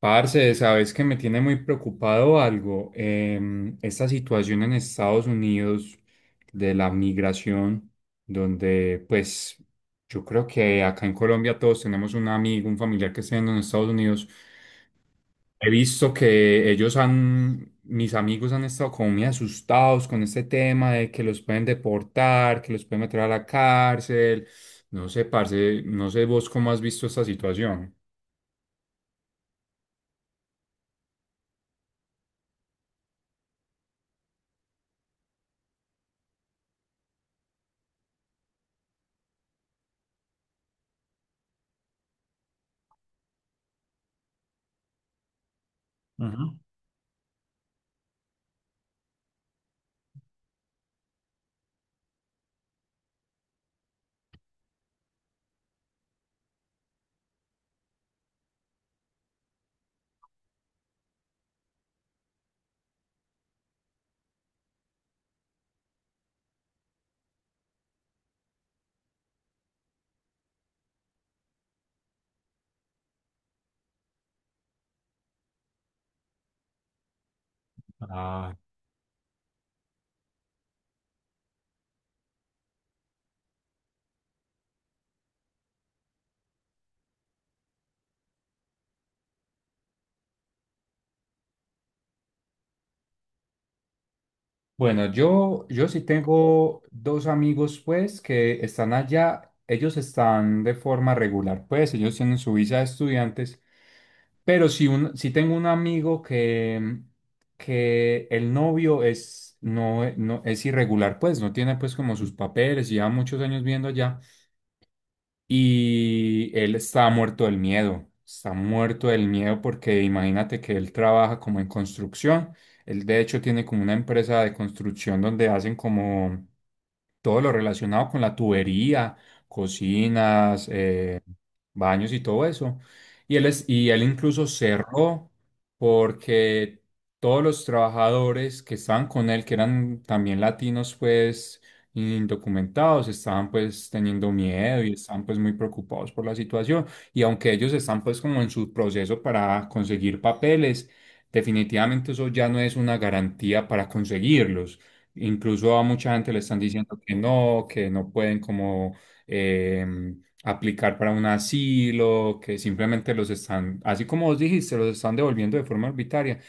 Parce, sabes que me tiene muy preocupado algo. Esta situación en Estados Unidos de la migración, donde pues yo creo que acá en Colombia todos tenemos un amigo, un familiar que esté en los Estados Unidos. He visto que mis amigos han estado como muy asustados con este tema de que los pueden deportar, que los pueden meter a la cárcel. No sé, parce, no sé vos cómo has visto esta situación. Bueno, yo sí tengo dos amigos, pues, que están allá. Ellos están de forma regular, pues, ellos tienen su visa de estudiantes. Pero sí, sí tengo un amigo que el novio es, no, no, es irregular, pues, no tiene, pues, como sus papeles, y lleva muchos años viendo allá. Y él está muerto del miedo, está muerto del miedo porque imagínate que él trabaja como en construcción. Él de hecho tiene como una empresa de construcción donde hacen como todo lo relacionado con la tubería, cocinas, baños y todo eso. Y él incluso cerró porque todos los trabajadores que estaban con él, que eran también latinos, pues indocumentados, estaban pues teniendo miedo y estaban pues muy preocupados por la situación. Y aunque ellos están pues como en su proceso para conseguir papeles, definitivamente eso ya no es una garantía para conseguirlos. Incluso a mucha gente le están diciendo que no pueden como eh, aplicar para un asilo, que simplemente los están, así como vos dijiste, los están devolviendo de forma arbitraria.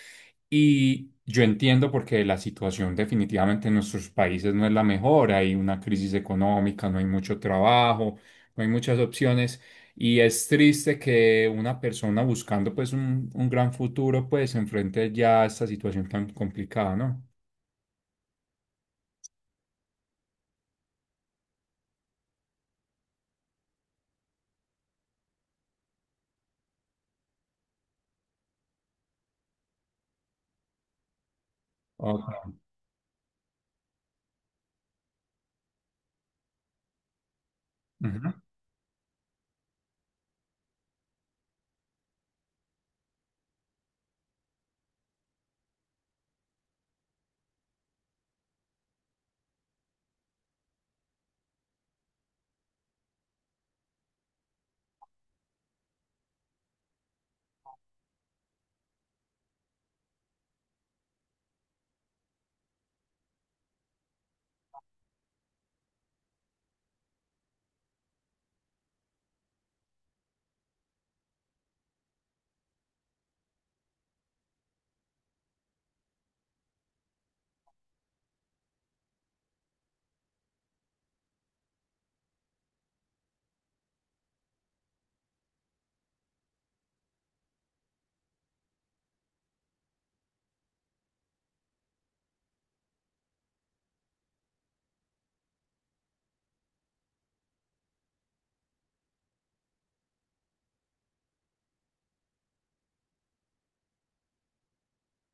Y yo entiendo porque la situación definitivamente en nuestros países no es la mejor, hay una crisis económica, no hay mucho trabajo, no hay muchas opciones. Y es triste que una persona buscando pues un gran futuro pues se enfrente ya a esta situación tan complicada, ¿no? Ok. Ujú.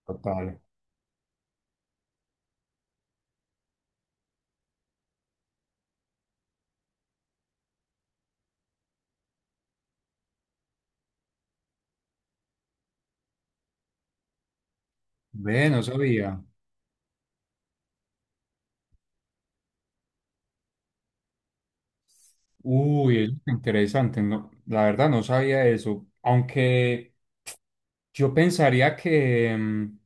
Total. Ve, no sabía. Uy, es interesante. No, la verdad no sabía eso. Aunque yo pensaría que, mm,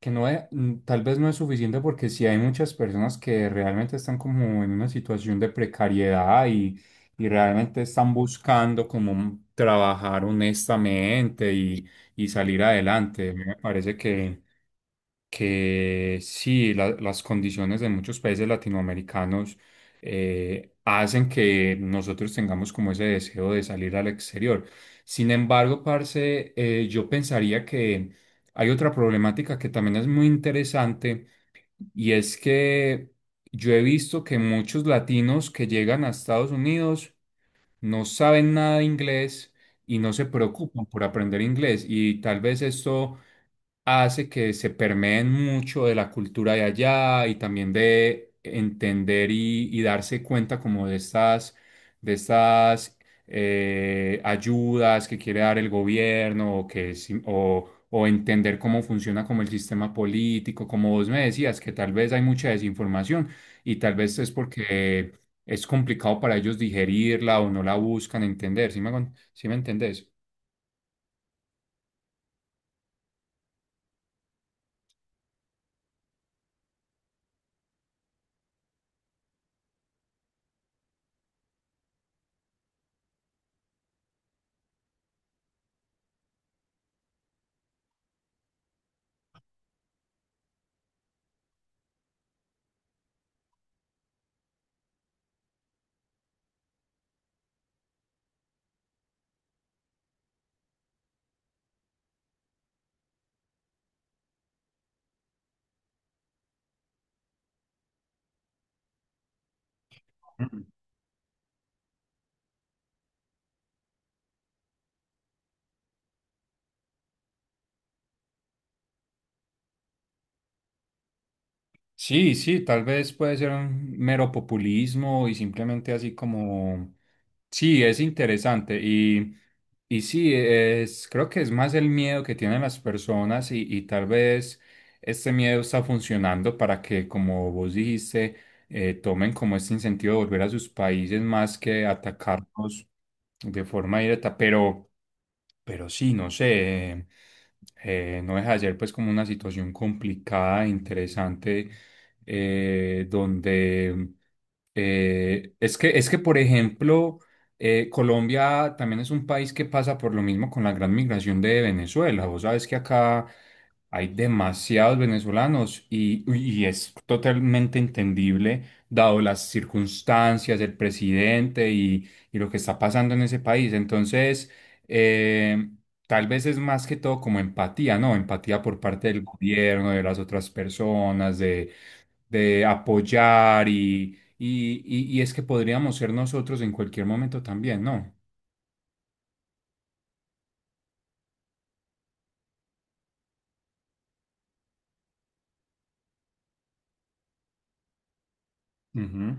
que no es- mm, tal vez no es suficiente porque sí hay muchas personas que realmente están como en una situación de precariedad y realmente están buscando como trabajar honestamente y salir adelante. A mí me parece que sí, las condiciones de muchos países latinoamericanos hacen que nosotros tengamos como ese deseo de salir al exterior. Sin embargo, parce, yo pensaría que hay otra problemática que también es muy interesante y es que yo he visto que muchos latinos que llegan a Estados Unidos no saben nada de inglés y no se preocupan por aprender inglés, y tal vez esto hace que se permeen mucho de la cultura de allá y también de entender y darse cuenta como de estas ayudas que quiere dar el gobierno o, que, si- o entender cómo funciona como el sistema político, como vos me decías, que tal vez hay mucha desinformación y tal vez es porque es complicado para ellos digerirla o no la buscan entender, sí me entendés? Sí, sí, tal vez puede ser un mero populismo y simplemente así como, sí, es interesante y sí, es, creo que es más el miedo que tienen las personas y tal vez este miedo está funcionando para que, como vos dijiste, tomen como este incentivo de volver a sus países más que atacarnos de forma directa, pero... Pero sí, no sé, no deja de ser pues como una situación complicada, interesante, donde es que, por ejemplo, Colombia también es un país que pasa por lo mismo con la gran migración de Venezuela. Vos sabes que acá hay demasiados venezolanos y es totalmente entendible, dado las circunstancias, el presidente y lo que está pasando en ese país. Entonces... Eh, Tal vez es más que todo como empatía, ¿no? Empatía por parte del gobierno, de las otras personas, de apoyar y es que podríamos ser nosotros en cualquier momento también, ¿no? Ujú.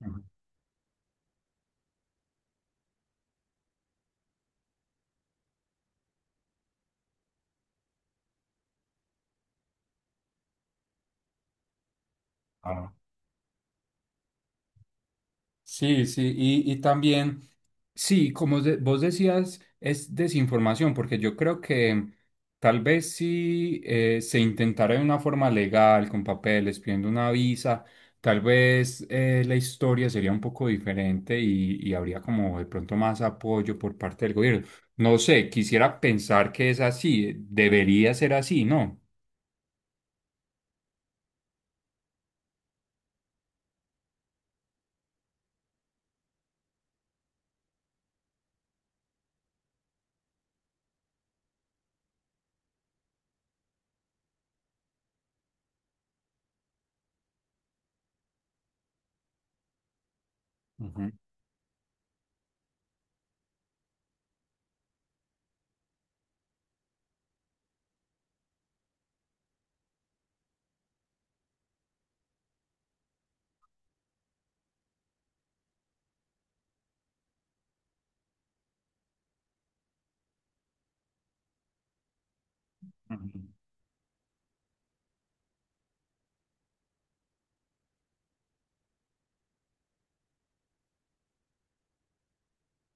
Ujú. Ah, sí, sí, y también sí, como vos decías, es desinformación, porque yo creo que tal vez si se intentara de una forma legal, con papeles, pidiendo una visa, tal vez la historia sería un poco diferente y habría como de pronto más apoyo por parte del gobierno. No sé, quisiera pensar que es así, debería ser así, ¿no? Ujú, ujú.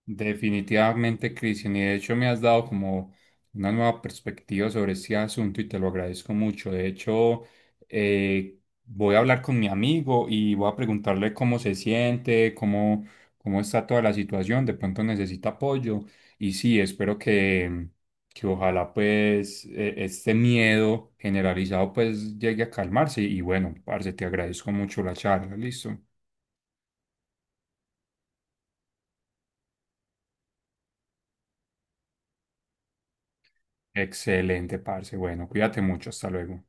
Definitivamente, Cristian, y de hecho me has dado como una nueva perspectiva sobre este asunto y te lo agradezco mucho. De hecho, eh, voy a hablar con mi amigo y voy a preguntarle cómo se siente, cómo, cómo está toda la situación, de pronto necesita apoyo y sí, espero que ojalá pues este miedo generalizado pues llegue a calmarse y bueno, parce, te agradezco mucho la charla, listo. Excelente, parce, bueno, cuídate mucho, hasta luego.